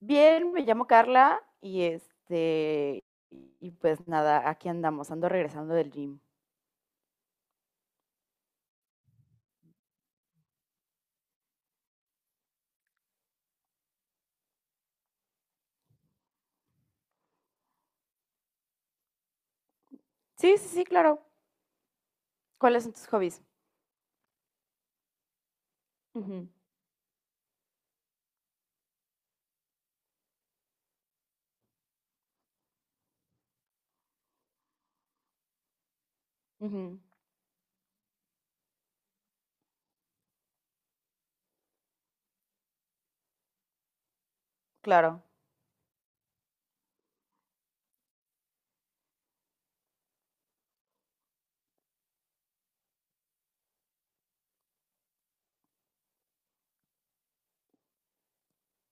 Bien, me llamo Carla y pues nada, aquí andamos, ando regresando del gym. Sí, sí, sí, claro. ¿Cuáles son tus hobbies? Ujú. Ujú, claro.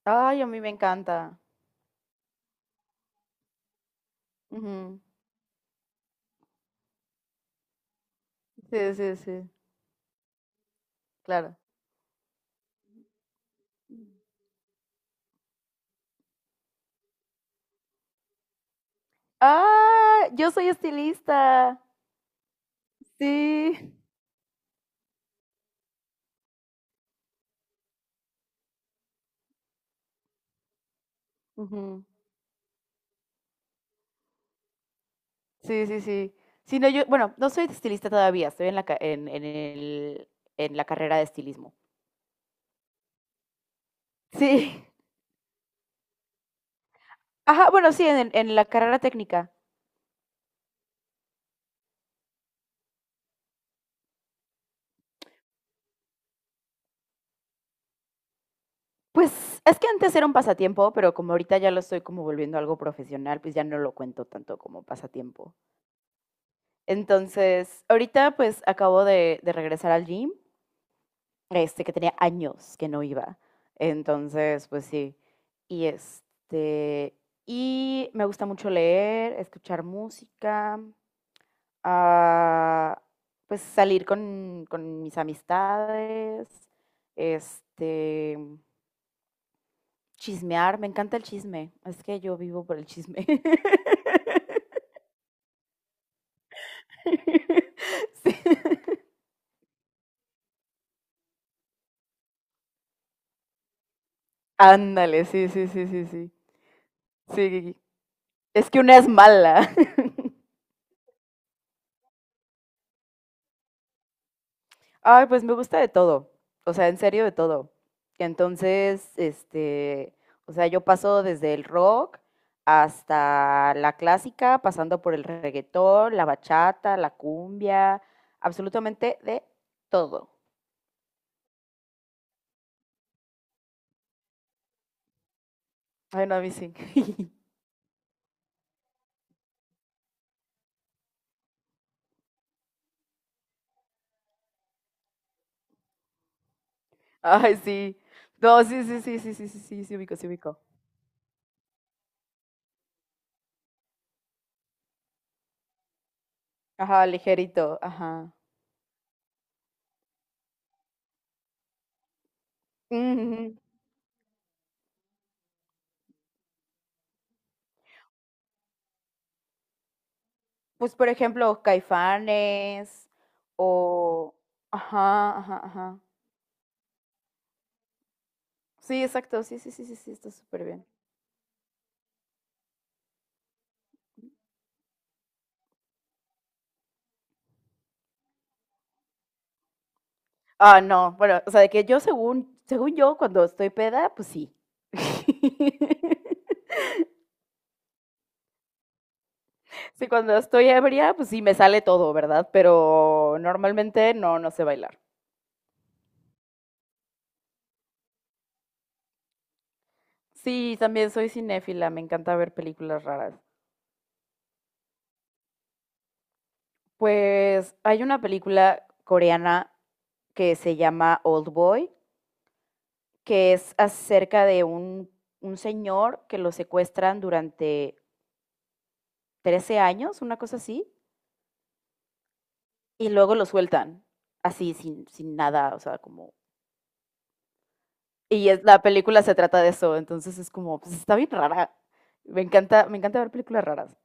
Ay, a mí me encanta. Ujú. Sí, sí, sí, claro. Ah, yo soy estilista. Sí. Ujú. Sí, sí, sí. Sí, no, yo, bueno, no soy estilista todavía, estoy en el, en la carrera de estilismo. Sí. Ajá, bueno, sí, en la carrera técnica. Pues, es que antes era un pasatiempo, pero como ahorita ya lo estoy como volviendo algo profesional, pues ya no lo cuento tanto como pasatiempo. Entonces, ahorita pues acabo de regresar al gym, este, que tenía años que no iba. Entonces, pues sí. Y este, y me gusta mucho leer, escuchar música, ah, pues salir con mis amistades, este, chismear, me encanta el chisme. Es que yo vivo por el chisme. Sí. Ándale, sí, sí, sí, sí, sí. Sí, es que una es mala. Ay, pues me gusta de todo. O sea, en serio, de todo. Entonces, o sea, yo paso desde el rock hasta la clásica, pasando por el reggaetón, la bachata, la cumbia, absolutamente de todo. Ay, no, a mí sí. Ay, sí. No, sí, sí, sí, sí, sí, sí, sí, sí, ubico, sí, ubico. Ajá, ligerito, ajá. Ujú. Pues, por ejemplo, Caifanes o… Ajá, ajá, ajá. Sí, exacto, sí, sí, sí, sí, sí, está súper bien. Ah, no, bueno, o sea, de que yo según, según yo, cuando estoy peda, pues sí. Sí, cuando estoy ebria, pues sí, me sale todo, ¿verdad? Pero normalmente no, no sé bailar. Sí, también soy cinéfila, me encanta ver películas raras. Pues hay una película coreana que se llama Old Boy, que es acerca de un señor que lo secuestran durante 13 años, una cosa así, y luego lo sueltan, así, sin nada, o sea, como… Y es- la película se trata de eso, entonces es como, pues está bien rara. Me encanta ver películas raras.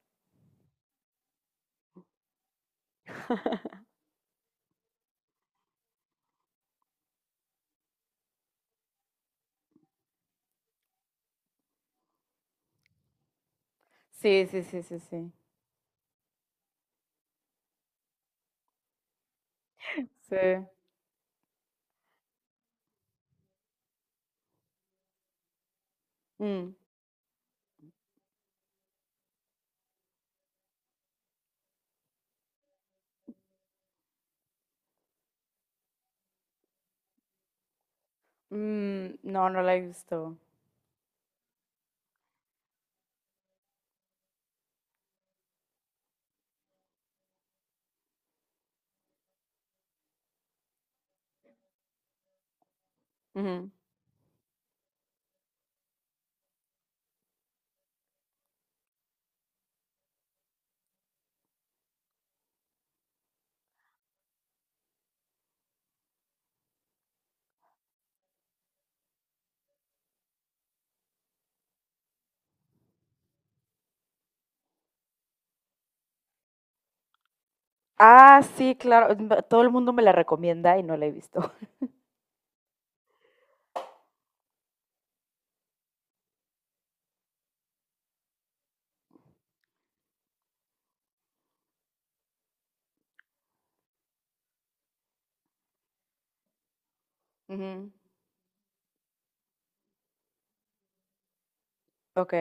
Sí, sí, sí, sí, sí. Sí. Mm, no, no la he visto. Ujú. Ah, sí, claro. m- Todo el mundo me la recomienda y no la he visto. Ujú. Ok.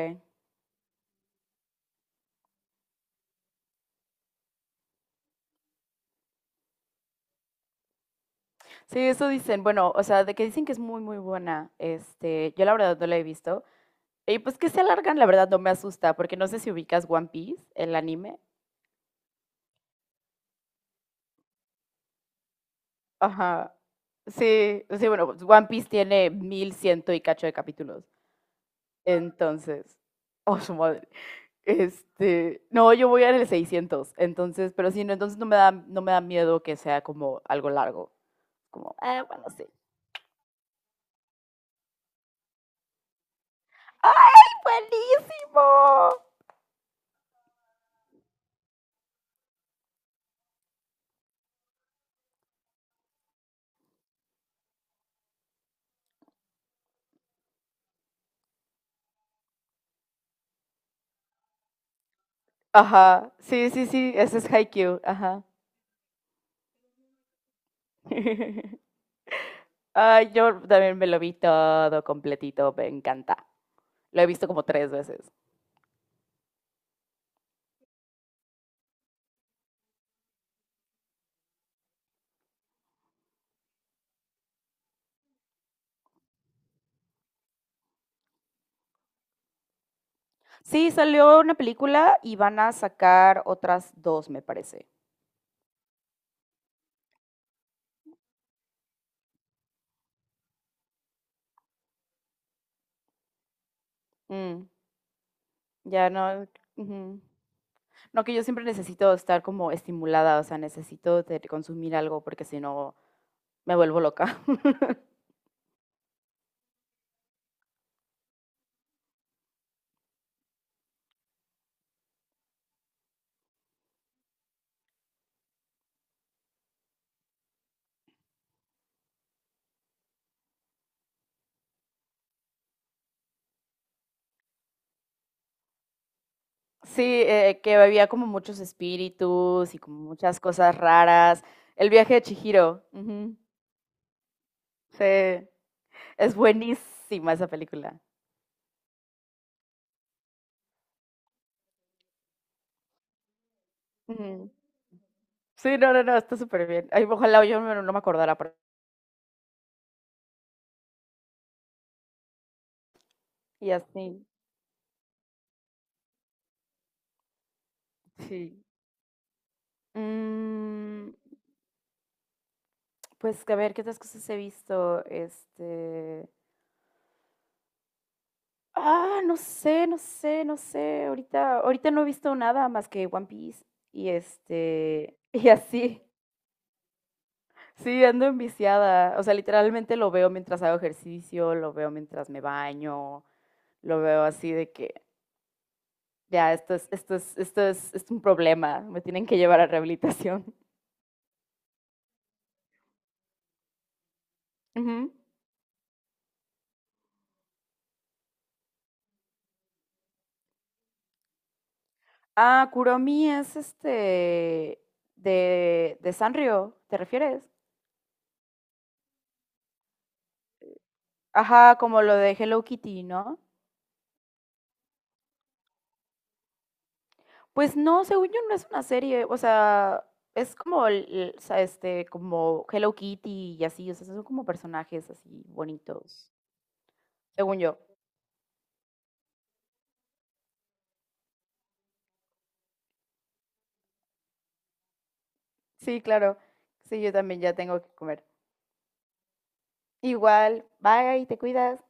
Sí, eso dicen. Bueno, o sea, de que dicen que es muy, muy buena. Este, yo la verdad no la he visto. Y pues que se alargan, la verdad no me asusta, porque no sé si ubicas One Piece, el anime. Ajá. Sí, sí, bueno, pues, One Piece tiene mil ciento y cacho de capítulos. Entonces, oh, su madre. Este, no, yo voy a ir el 600, entonces, pero sí, no, entonces no me da miedo que sea como algo largo. Como, ah, bueno, sí. ¡Ay, buenísimo! Ajá, sí, sí, sí, ese es Haikyuu, ajá. Ay, yo también me lo vi todo completito, me encanta. Lo he visto como 3 veces. Sí, salió una película y van a sacar otras dos, me parece. Mm, ya no. Ujú. No, que yo siempre necesito estar como estimulada, o sea, necesito de consumir algo porque si no me vuelvo loca. Sí, que había como muchos espíritus y como muchas cosas raras. El viaje de Chihiro. Ujú. Sí, es buenísima esa película. Ujú. Sí, no, no, no, está súper bien. Ay, ojalá yo no, no me acordara. Pero- Y así, sí. Mm, pues a ver, ¿qué otras cosas he visto? Este… Ah, no sé, no sé, no sé. Ahorita, ahorita no he visto nada más que One Piece. Y este… Y así. Sí, ando enviciada. O sea, literalmente lo veo mientras hago ejercicio, lo veo mientras me baño, lo veo así de que ya, esto es, esto es, esto es un problema. Me tienen que llevar a rehabilitación. Ujú. Ah, Kuromi es este de Sanrio, ¿te refieres? Ajá, como lo de Hello Kitty, ¿no? Pues no, según yo no es una serie, o sea, es como, el- o sea, este, como Hello Kitty y así, o sea, son como personajes así bonitos, según yo. Sí, claro. Sí, yo también ya tengo que comer. Igual, bye, te cuidas.